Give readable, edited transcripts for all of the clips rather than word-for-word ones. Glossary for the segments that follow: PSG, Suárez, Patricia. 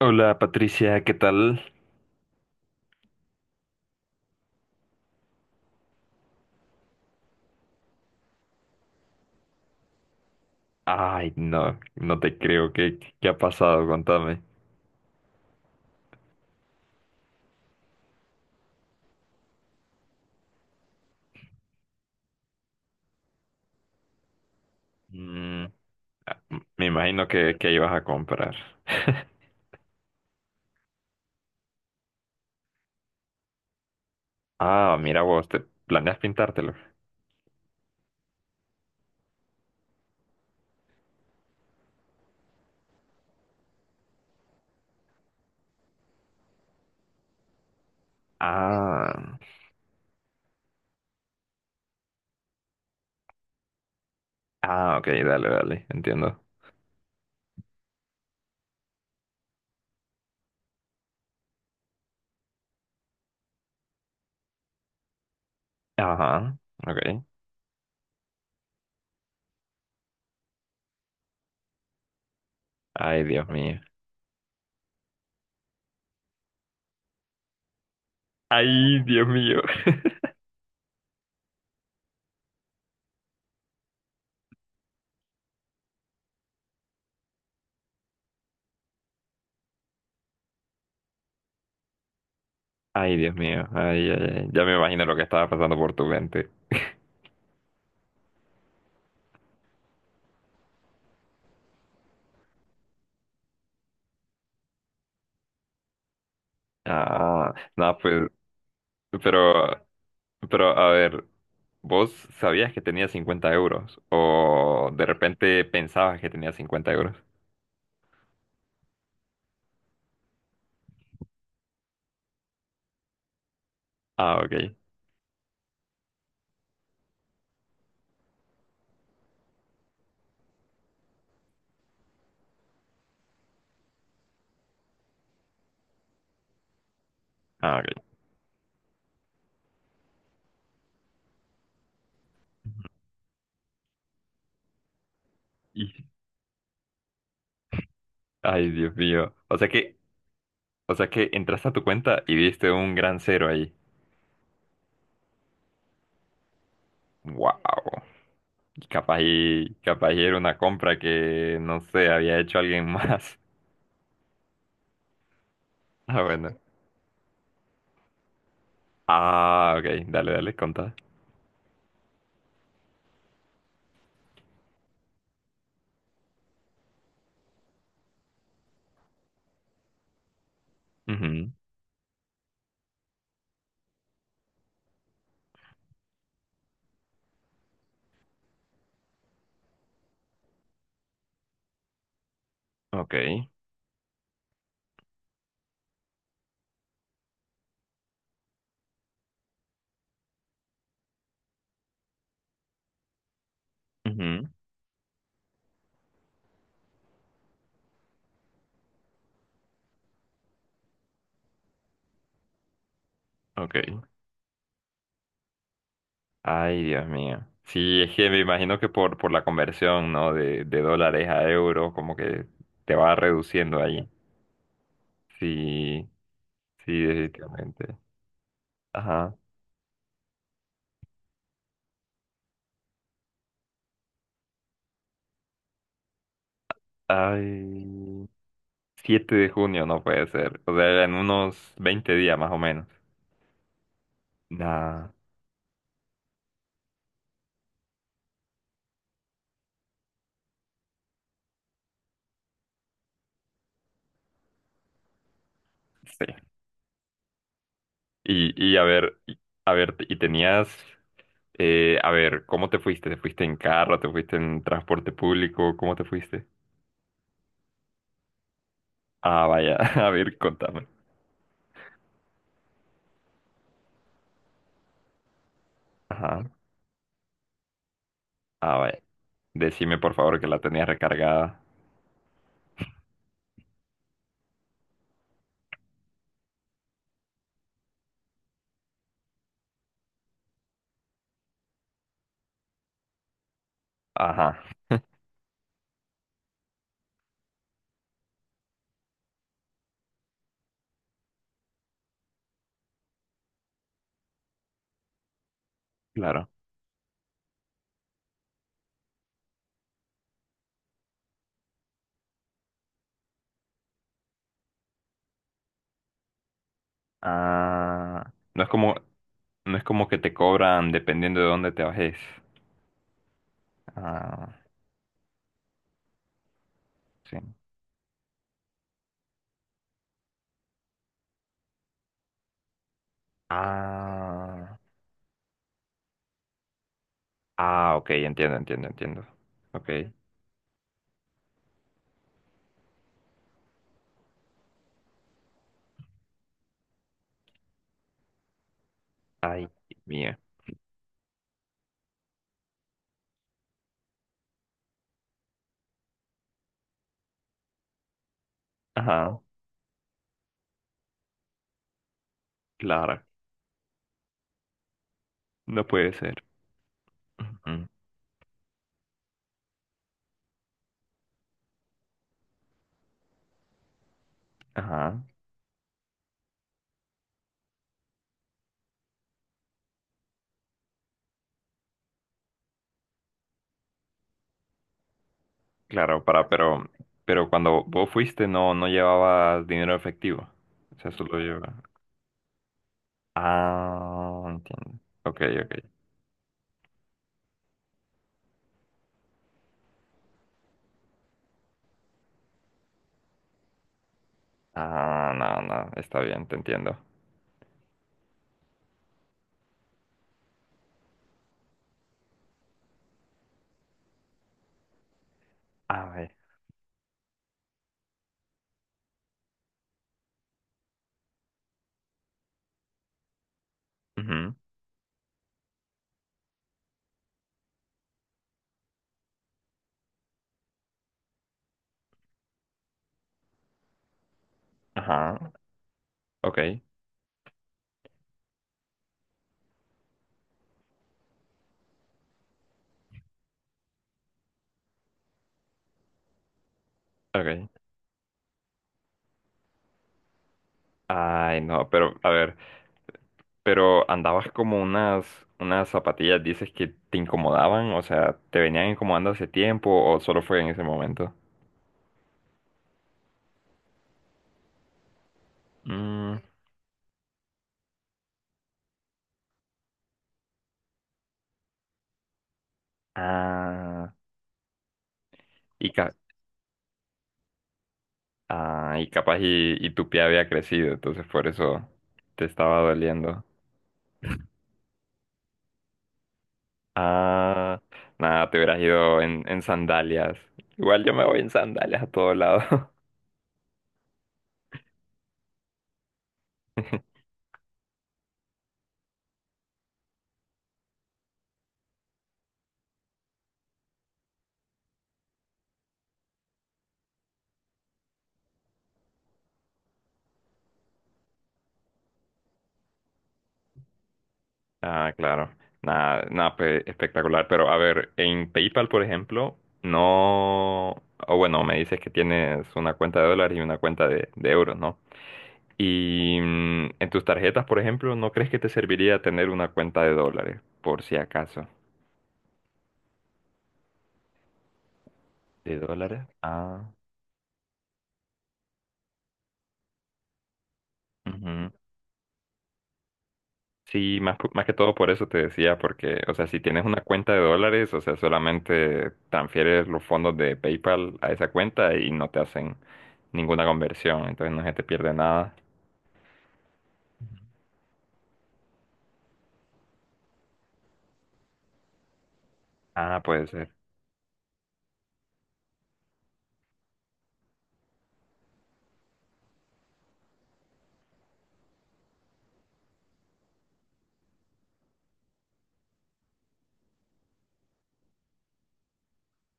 Hola Patricia, ¿qué tal? Ay, no te creo. ¿Qué ha pasado? Contame. Mm, ah, me imagino que ibas a comprar. Ah, mira vos, ¿te planeas pintártelo? Ah, ah, ok, dale, dale, entiendo. Ajá, ok. Ay, Dios mío. Ay, Dios mío. Ay, Dios mío. Ay, ay, ay. Ya me imagino lo que estaba pasando por tu mente. Ah, no, pues, pero... Pero a ver, ¿vos sabías que tenía 50 euros? ¿O de repente pensabas que tenía 50 euros? Ah, ok. Ah, ok. Y- Ay, Dios mío. O sea o sea que entraste a tu cuenta y viste un gran cero ahí. Wow. Capaz y era una compra que, no sé, había hecho alguien más. Ah, bueno. Ah, ok. Dale, dale, contá. Ujú. Ok. Ujú. Ok. Ay, Dios mío. Sí, es que me imagino que por la conversión, ¿no? De dólares a euros, como que te va reduciendo ahí. Sí, sí, definitivamente. Ajá. Ay, siete de junio no puede ser. O sea, en unos 20 días más o menos. Nah, sí. Y, y a ver, y- a ver, y tenías, a ver, ¿cómo te fuiste? ¿Te fuiste en carro? ¿Te fuiste en transporte público? ¿Cómo te fuiste? Ah, vaya, a ver, contame. Ajá. Ah, vaya. Decime por favor que la tenía recargada. Ajá, claro. Ah, no es como, no es como que te cobran dependiendo de dónde te bajes. Ah, sí. Ah, ah, ok, entiendo, entiendo, entiendo. Ok. Ay, mía. Ajá, claro. No puede ser. Ujú. Ajá, claro, para, pero cuando vos fuiste no, no llevabas dinero efectivo. O sea, solo llevaba. Ah, entiendo. Ok, ok. Ah, no, no, está bien, te entiendo. A ver. Ujú, ajá, ok, ok. Ay, no, pero, a ver, pero andabas como unas, unas zapatillas, dices que te incomodaban, o sea, ¿te venían incomodando hace tiempo o solo fue en ese momento? Mm, ah, y, ca- ah, y capaz y tu pie había crecido, entonces por eso te estaba doliendo. Ah, nada, te hubieras ido en sandalias. Igual yo me voy en sandalias a todos lados. Ah, claro. Nada, espectacular. Pero a ver, en PayPal, por ejemplo, no. O bueno, me dices que tienes una cuenta de dólares y una cuenta de euros, ¿no? Y mm, en tus tarjetas, por ejemplo, ¿no crees que te serviría tener una cuenta de dólares? Por si acaso. ¿De dólares? Ah. Sí, más que todo por eso te decía, porque, o sea, si tienes una cuenta de dólares, o sea, solamente transfieres los fondos de PayPal a esa cuenta y no te hacen ninguna conversión, entonces no se te pierde nada. Ah, puede ser.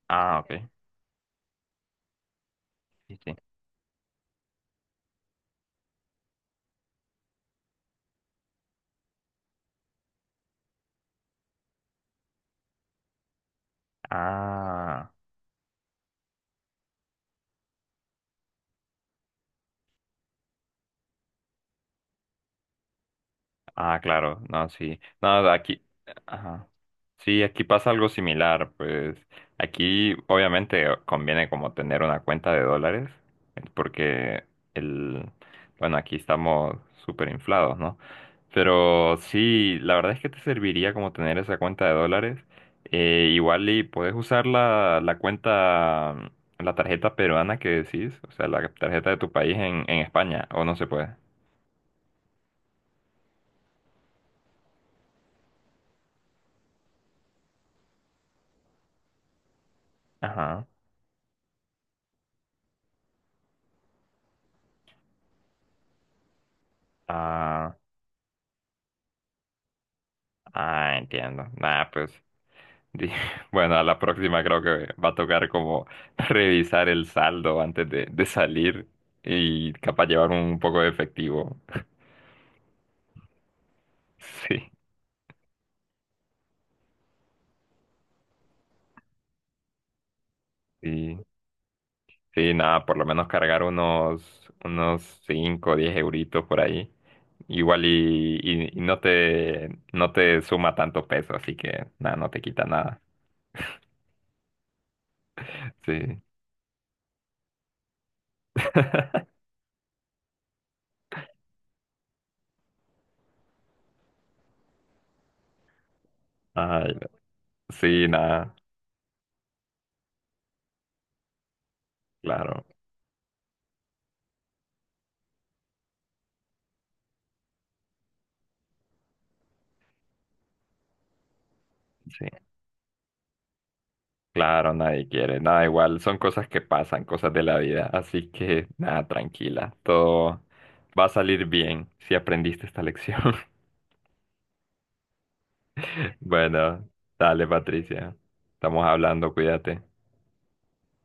Ah, ok. Sí, sí. Ah. Ah, claro, no, sí. No, aquí, ajá. Sí, aquí pasa algo similar, pues aquí obviamente conviene como tener una cuenta de dólares, porque el, bueno, aquí estamos súper inflados, ¿no? Pero sí, la verdad es que te serviría como tener esa cuenta de dólares. Igual y puedes usar la cuenta, la tarjeta peruana que decís, o sea, la tarjeta de tu país en España, o no se puede. Ajá. Ah, ah, entiendo. Nada, pues, di- bueno, a la próxima creo que va a tocar como revisar el saldo antes de salir y capaz llevar un poco de efectivo. Sí, sí, sí, nada, por lo menos cargar unos, unos 5 o 10 euritos por ahí. Igual y no te, no te suma tanto peso, así que nada, no te quita nada. Sí. Ay, sí, nada, claro. Sí. Claro, nadie quiere, nada igual, son cosas que pasan, cosas de la vida, así que nada, tranquila, todo va a salir bien si aprendiste esta lección. Bueno, dale, Patricia, estamos hablando, cuídate.